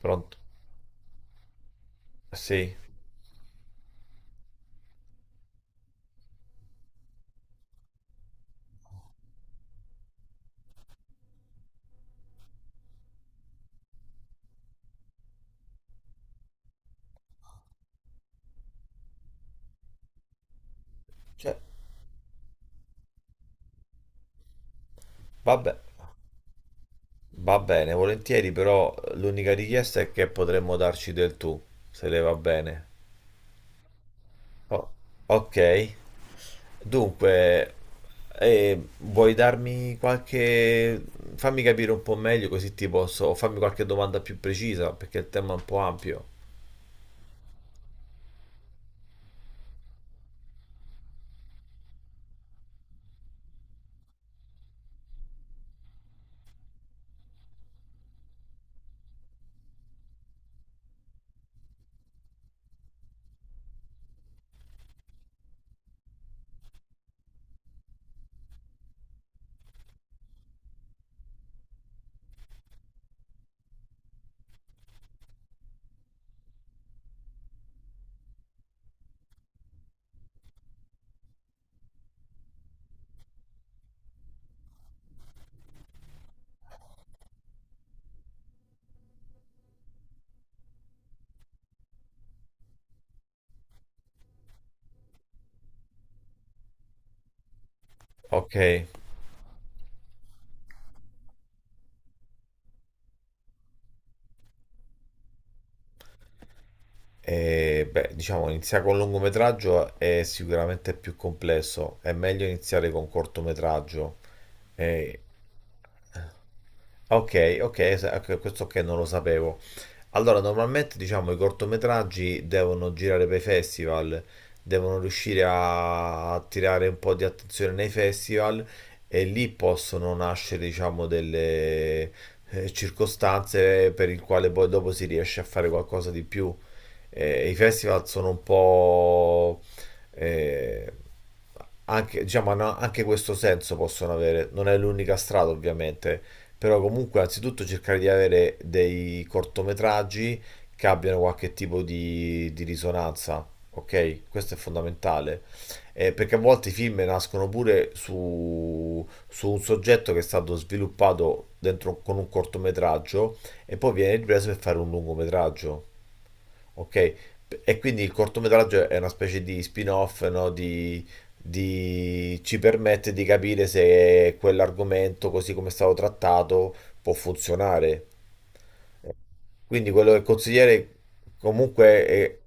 Pronto? Sì. Cioè, vabbè, va bene, volentieri, però l'unica richiesta è che potremmo darci del tu, se le va bene. O- ok. Dunque, vuoi darmi qualche... fammi capire un po' meglio così ti posso... o fammi qualche domanda più precisa, perché il tema è un po' ampio. Ok. E, beh, diciamo, iniziare con lungometraggio è sicuramente più complesso, è meglio iniziare con cortometraggio. E... Ok, ok, ecco, questo che non lo sapevo. Allora, normalmente diciamo i cortometraggi devono girare per i festival, devono riuscire a attirare un po' di attenzione nei festival e lì possono nascere, diciamo, delle circostanze per il quale poi dopo si riesce a fare qualcosa di più. I festival sono un po' eh, anche, diciamo, hanno anche questo senso possono avere. Non è l'unica strada, ovviamente, però comunque anzitutto cercare di avere dei cortometraggi che abbiano qualche tipo di risonanza, ok? Questo è fondamentale. Perché a volte i film nascono pure su un soggetto che è stato sviluppato dentro, con un cortometraggio e poi viene ripreso per fare un lungometraggio. Ok, e quindi il cortometraggio è una specie di spin-off, no? Ci permette di capire se quell'argomento, così come è stato trattato, può funzionare. Quindi quello che consigliere comunque è...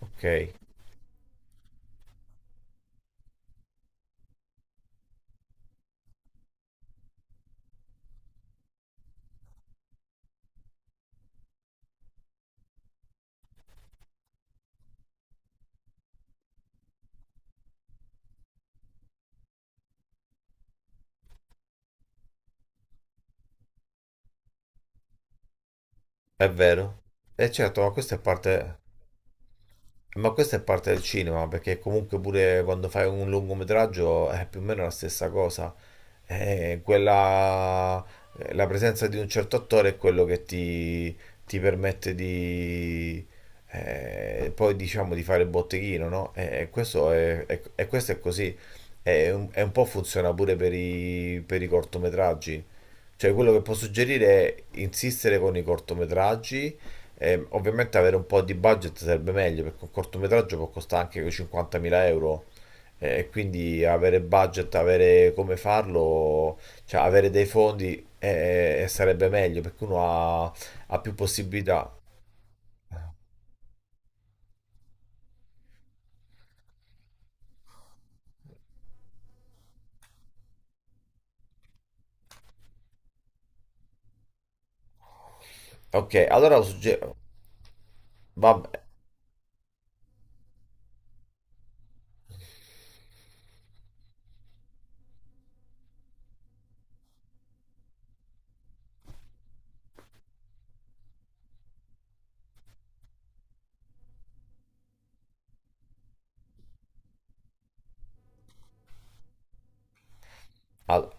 Ok, è vero. E certo, ma questa è parte... Ma questa è parte del cinema, perché comunque pure quando fai un lungometraggio è più o meno la stessa cosa. Eh, quella- la presenza di un certo attore è quello che ti permette di, poi diciamo di fare botteghino, no? E questo e questo è così. E un po' funziona pure per i cortometraggi. Cioè, quello che posso suggerire è insistere con i cortometraggi. Ovviamente avere un po' di budget sarebbe meglio perché un cortometraggio può costare anche 50.000 euro. E quindi avere budget, avere come farlo, cioè avere dei fondi, sarebbe meglio perché uno ha, più possibilità. Ok, allora vabbè, al-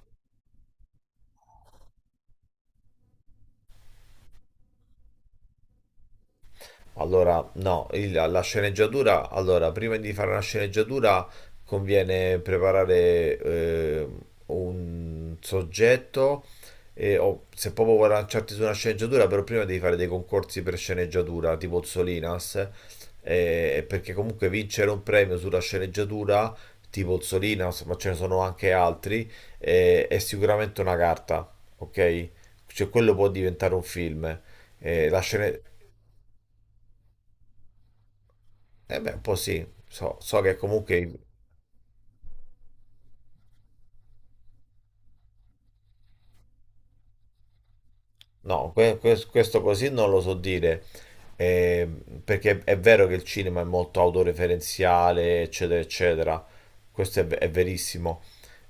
allora, no, la sceneggiatura, allora, prima di fare una sceneggiatura conviene preparare un soggetto e, o, se proprio vuoi lanciarti su una sceneggiatura, però prima devi fare dei concorsi per sceneggiatura, tipo Zolinas, perché comunque vincere un premio sulla sceneggiatura, tipo Zolinas, ma ce ne sono anche altri, è sicuramente una carta, ok? Cioè quello può diventare un film. Eh, la scena- Eh beh, un po' sì, so che comunque no, questo così non lo so dire, eh, perché è vero che il cinema è molto autoreferenziale, eccetera, eccetera, questo è, è verissimo.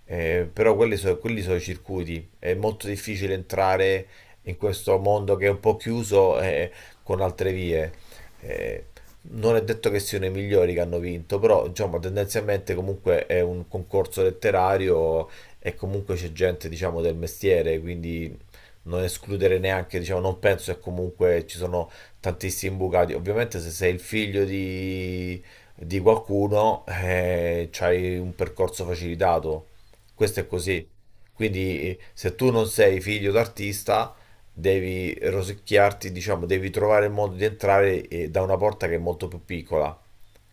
Però quelli, quelli sono i circuiti, è molto difficile entrare in questo mondo che è un po' chiuso, con altre vie. Eh, Non è detto che siano i migliori che hanno vinto, però diciamo, tendenzialmente comunque è un concorso letterario e comunque c'è gente, diciamo, del mestiere, quindi non escludere neanche, diciamo, non penso che comunque ci sono tantissimi imbucati. Ovviamente se sei il figlio di qualcuno, c'hai un percorso facilitato. Questo è così. Quindi, se tu non sei figlio d'artista, devi rosicchiarti, diciamo, devi trovare il modo di entrare, da una porta che è molto più piccola.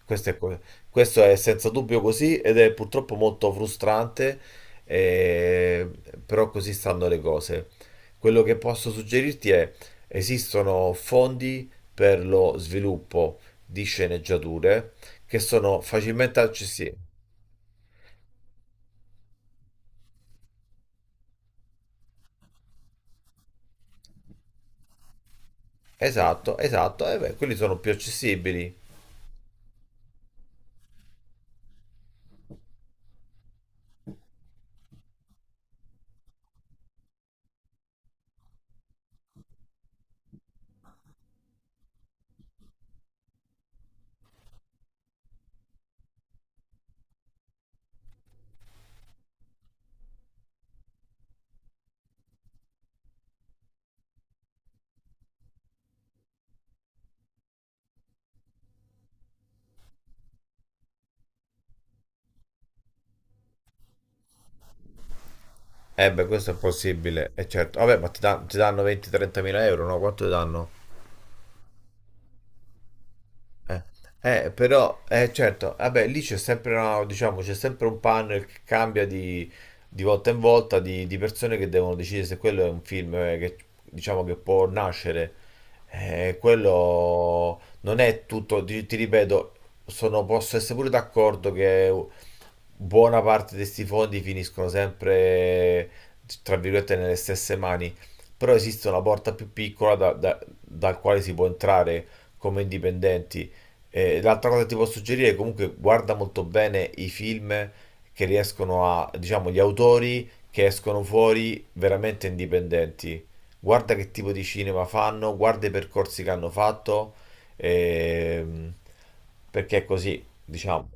Questo è, questo è senza dubbio così ed è purtroppo molto frustrante, eh, però così stanno le cose. Quello che posso suggerirti è, esistono fondi per lo sviluppo di sceneggiature che sono facilmente accessibili. Esatto, esatto. E beh, quelli sono più accessibili. Eh beh, questo è possibile, è certo. Vabbè, ma ti danno 20-30 mila euro, no? Quanto ti danno? Eh, Però, certo, vabbè, lì c'è sempre, diciamo, c'è sempre un panel che cambia di volta in volta di persone che devono decidere se quello è un film, che, diciamo, che può nascere. Quello non è tutto, ti ripeto, posso essere pure d'accordo che buona parte di questi fondi finiscono sempre, tra virgolette, nelle stesse mani, però esiste una porta più piccola dal quale si può entrare come indipendenti. L'altra cosa che ti posso suggerire è comunque guarda molto bene i film che riescono a, diciamo, gli autori che escono fuori veramente indipendenti. Guarda che tipo di cinema fanno, guarda i percorsi che hanno fatto, ehm, perché è così, diciamo.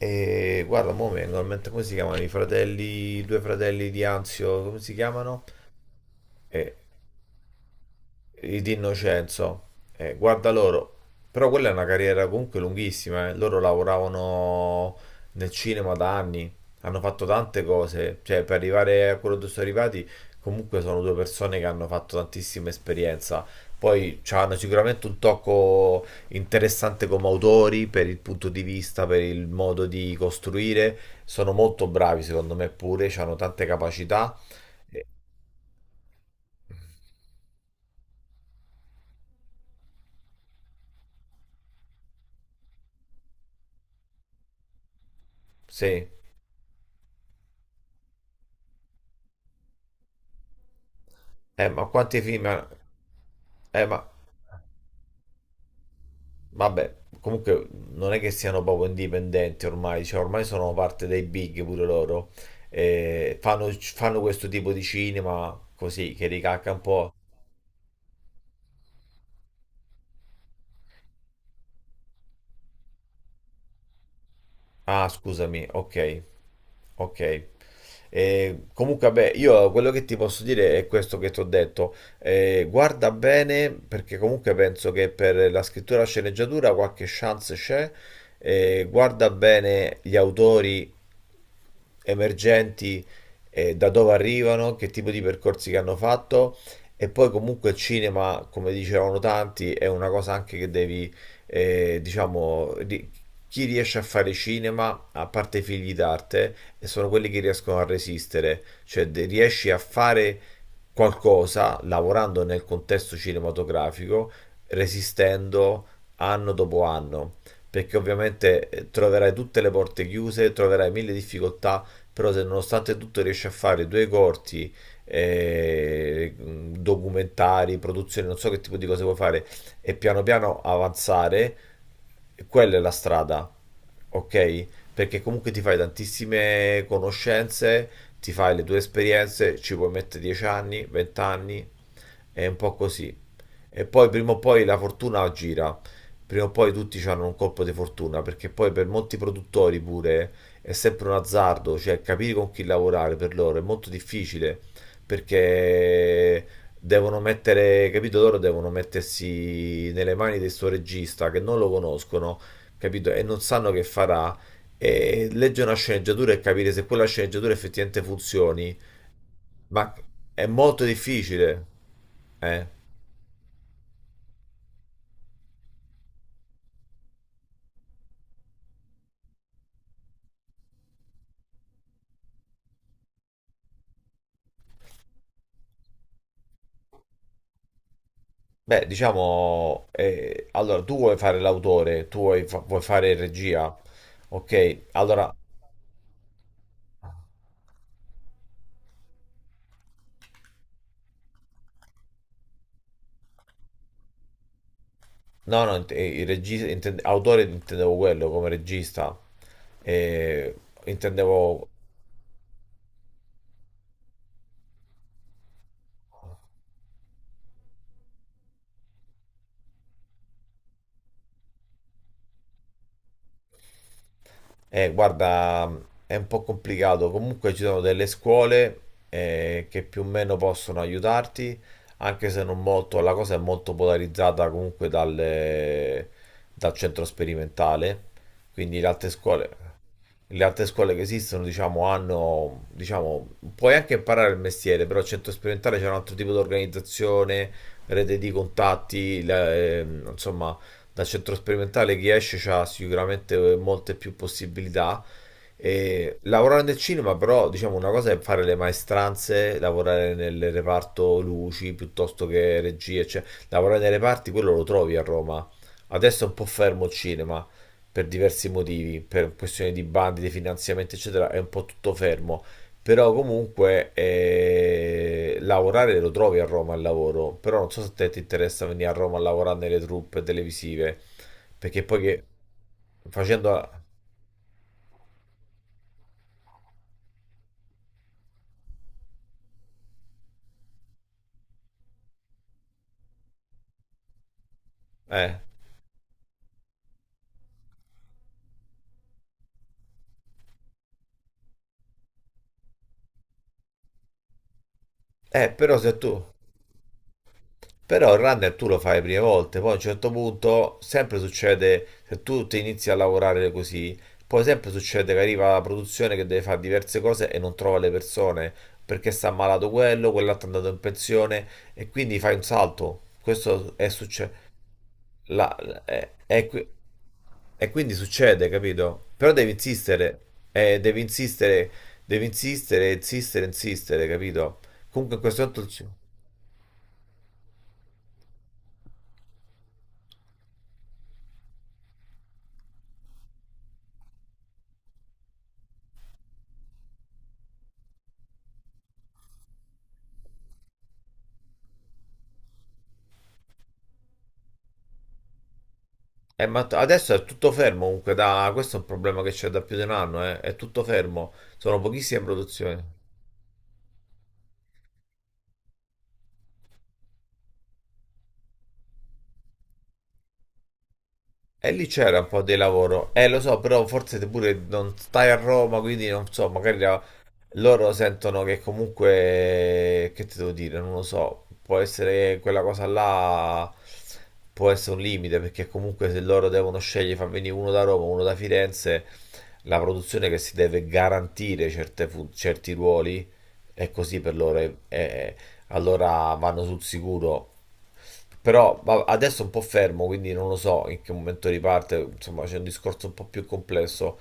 E guarda, mo' mi vengono in mente come si chiamano i fratelli, i due fratelli di Anzio, come si chiamano? E Di Innocenzo. Guarda loro, però quella è una carriera comunque lunghissima, eh. Loro lavoravano nel cinema da anni, hanno fatto tante cose, cioè per arrivare a quello dove sono arrivati, comunque sono due persone che hanno fatto tantissima esperienza. Poi hanno sicuramente un tocco interessante come autori, per il punto di vista, per il modo di costruire. Sono molto bravi, secondo me, pure, hanno tante capacità. Eh, Sì. Ma quanti film... ma vabbè, comunque non è che siano proprio indipendenti ormai, cioè ormai sono parte dei big pure loro. Fanno questo tipo di cinema così, che ricacca un po'. Ah, scusami, ok, ok. Comunque, vabbè, io quello che ti posso dire è questo che ti ho detto. Guarda bene, perché comunque penso che per la scrittura e la sceneggiatura qualche chance c'è. Guarda bene gli autori emergenti, da dove arrivano, che tipo di percorsi che hanno fatto, e poi comunque il cinema, come dicevano tanti, è una cosa anche che devi, diciamo, chi riesce a fare cinema, a parte i figli d'arte, e sono quelli che riescono a resistere, cioè riesci a fare qualcosa lavorando nel contesto cinematografico, resistendo anno dopo anno, perché ovviamente, troverai tutte le porte chiuse, troverai mille difficoltà, però se nonostante tutto riesce a fare due corti, documentari, produzioni, non so che tipo di cose vuoi fare, e piano piano avanzare, quella è la strada, ok? Perché comunque ti fai tantissime conoscenze, ti fai le tue esperienze, ci puoi mettere 10 anni, 20 anni, è un po' così. E poi prima o poi la fortuna gira, prima o poi tutti hanno un colpo di fortuna, perché poi per molti produttori pure è sempre un azzardo, cioè capire con chi lavorare per loro è molto difficile, perché devono mettere, capito, loro devono mettersi nelle mani di sto regista che non lo conoscono, capito, e non sanno che farà, e leggere una sceneggiatura e capire se quella sceneggiatura effettivamente funzioni, ma è molto difficile, eh. Beh, diciamo, allora tu vuoi fare l'autore, tu vuoi fare regia, ok? Allora, no, no, il regista, autore intendevo quello come regista. Eh, Intendevo, guarda, è un po' complicato, comunque ci sono delle scuole, che più o meno possono aiutarti, anche se non molto, la cosa è molto polarizzata comunque dal centro sperimentale, quindi le altre scuole che esistono, diciamo, hanno, diciamo, puoi anche imparare il mestiere, però al centro sperimentale c'è un altro tipo di organizzazione, rete di contatti, insomma, dal centro sperimentale chi esce ha sicuramente molte più possibilità. E lavorare nel cinema, però, diciamo, una cosa è fare le maestranze, lavorare nel reparto luci piuttosto che regie, cioè, lavorare nei reparti, quello lo trovi a Roma. Adesso è un po' fermo il cinema, per diversi motivi, per questioni di bandi, di finanziamenti, eccetera, è un po' tutto fermo. Però comunque, lavorare lo trovi a Roma al lavoro, però non so se a te ti interessa venire a Roma a lavorare nelle truppe televisive, perché poi che facendo... Eh, però se tu... Però il runner tu lo fai le prime volte, poi a un certo punto sempre succede, se tu ti inizi a lavorare così, poi sempre succede che arriva la produzione che deve fare diverse cose e non trova le persone, perché sta malato quello, quell'altro è andato in pensione e quindi fai un salto. Questo è successo. E quindi succede, capito? Però devi insistere, devi insistere, devi insistere, insistere, insistere, capito? Comunque in questo momento... Ma adesso è tutto fermo comunque, questo è un problema che c'è da più di un anno, eh. È tutto fermo, sono pochissime produzioni. E lì c'era un po' di lavoro, eh, lo so, però forse te pure non stai a Roma, quindi non so, magari loro sentono che comunque, che ti devo dire, non lo so, può essere quella cosa là, può essere un limite, perché comunque se loro devono scegliere, far venire uno da Roma, uno da Firenze, la produzione che si deve garantire certe certi ruoli è così per loro, allora vanno sul sicuro. Però adesso è un po' fermo, quindi non lo so in che momento riparte, insomma c'è un discorso un po' più complesso.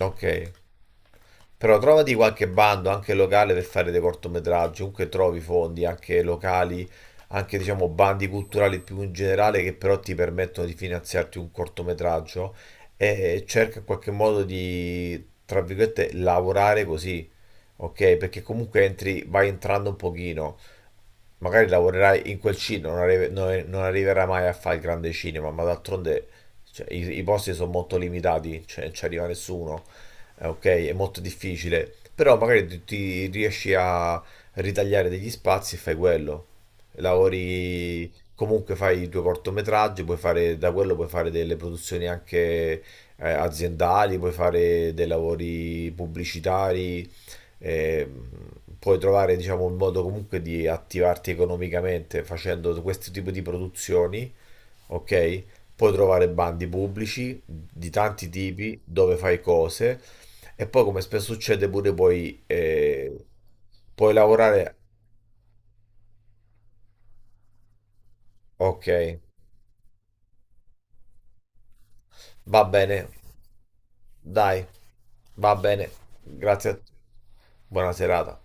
Ok. Però trovati qualche bando anche locale per fare dei cortometraggi, comunque trovi fondi anche locali, anche diciamo bandi culturali più in generale che però ti permettono di finanziarti un cortometraggio, e cerca in qualche modo di, tra virgolette, lavorare così, ok? Perché comunque entri, vai entrando un pochino, magari lavorerà in quel cinema, non arriverà mai a fare il grande cinema, ma d'altronde, cioè, i posti sono molto limitati, cioè non ci arriva nessuno, ok? È molto difficile, però magari ti riesci a ritagliare degli spazi e fai quello. Lavori, comunque fai i tuoi cortometraggi, puoi fare, da quello puoi fare delle produzioni anche, aziendali, puoi fare dei lavori pubblicitari. ehm, Puoi trovare, diciamo, un modo comunque di attivarti economicamente facendo questo tipo di produzioni, ok? Puoi trovare bandi pubblici di tanti tipi dove fai cose e poi, come spesso succede, pure puoi lavorare. Ok, va bene, dai, va bene. Grazie a te. Buona serata.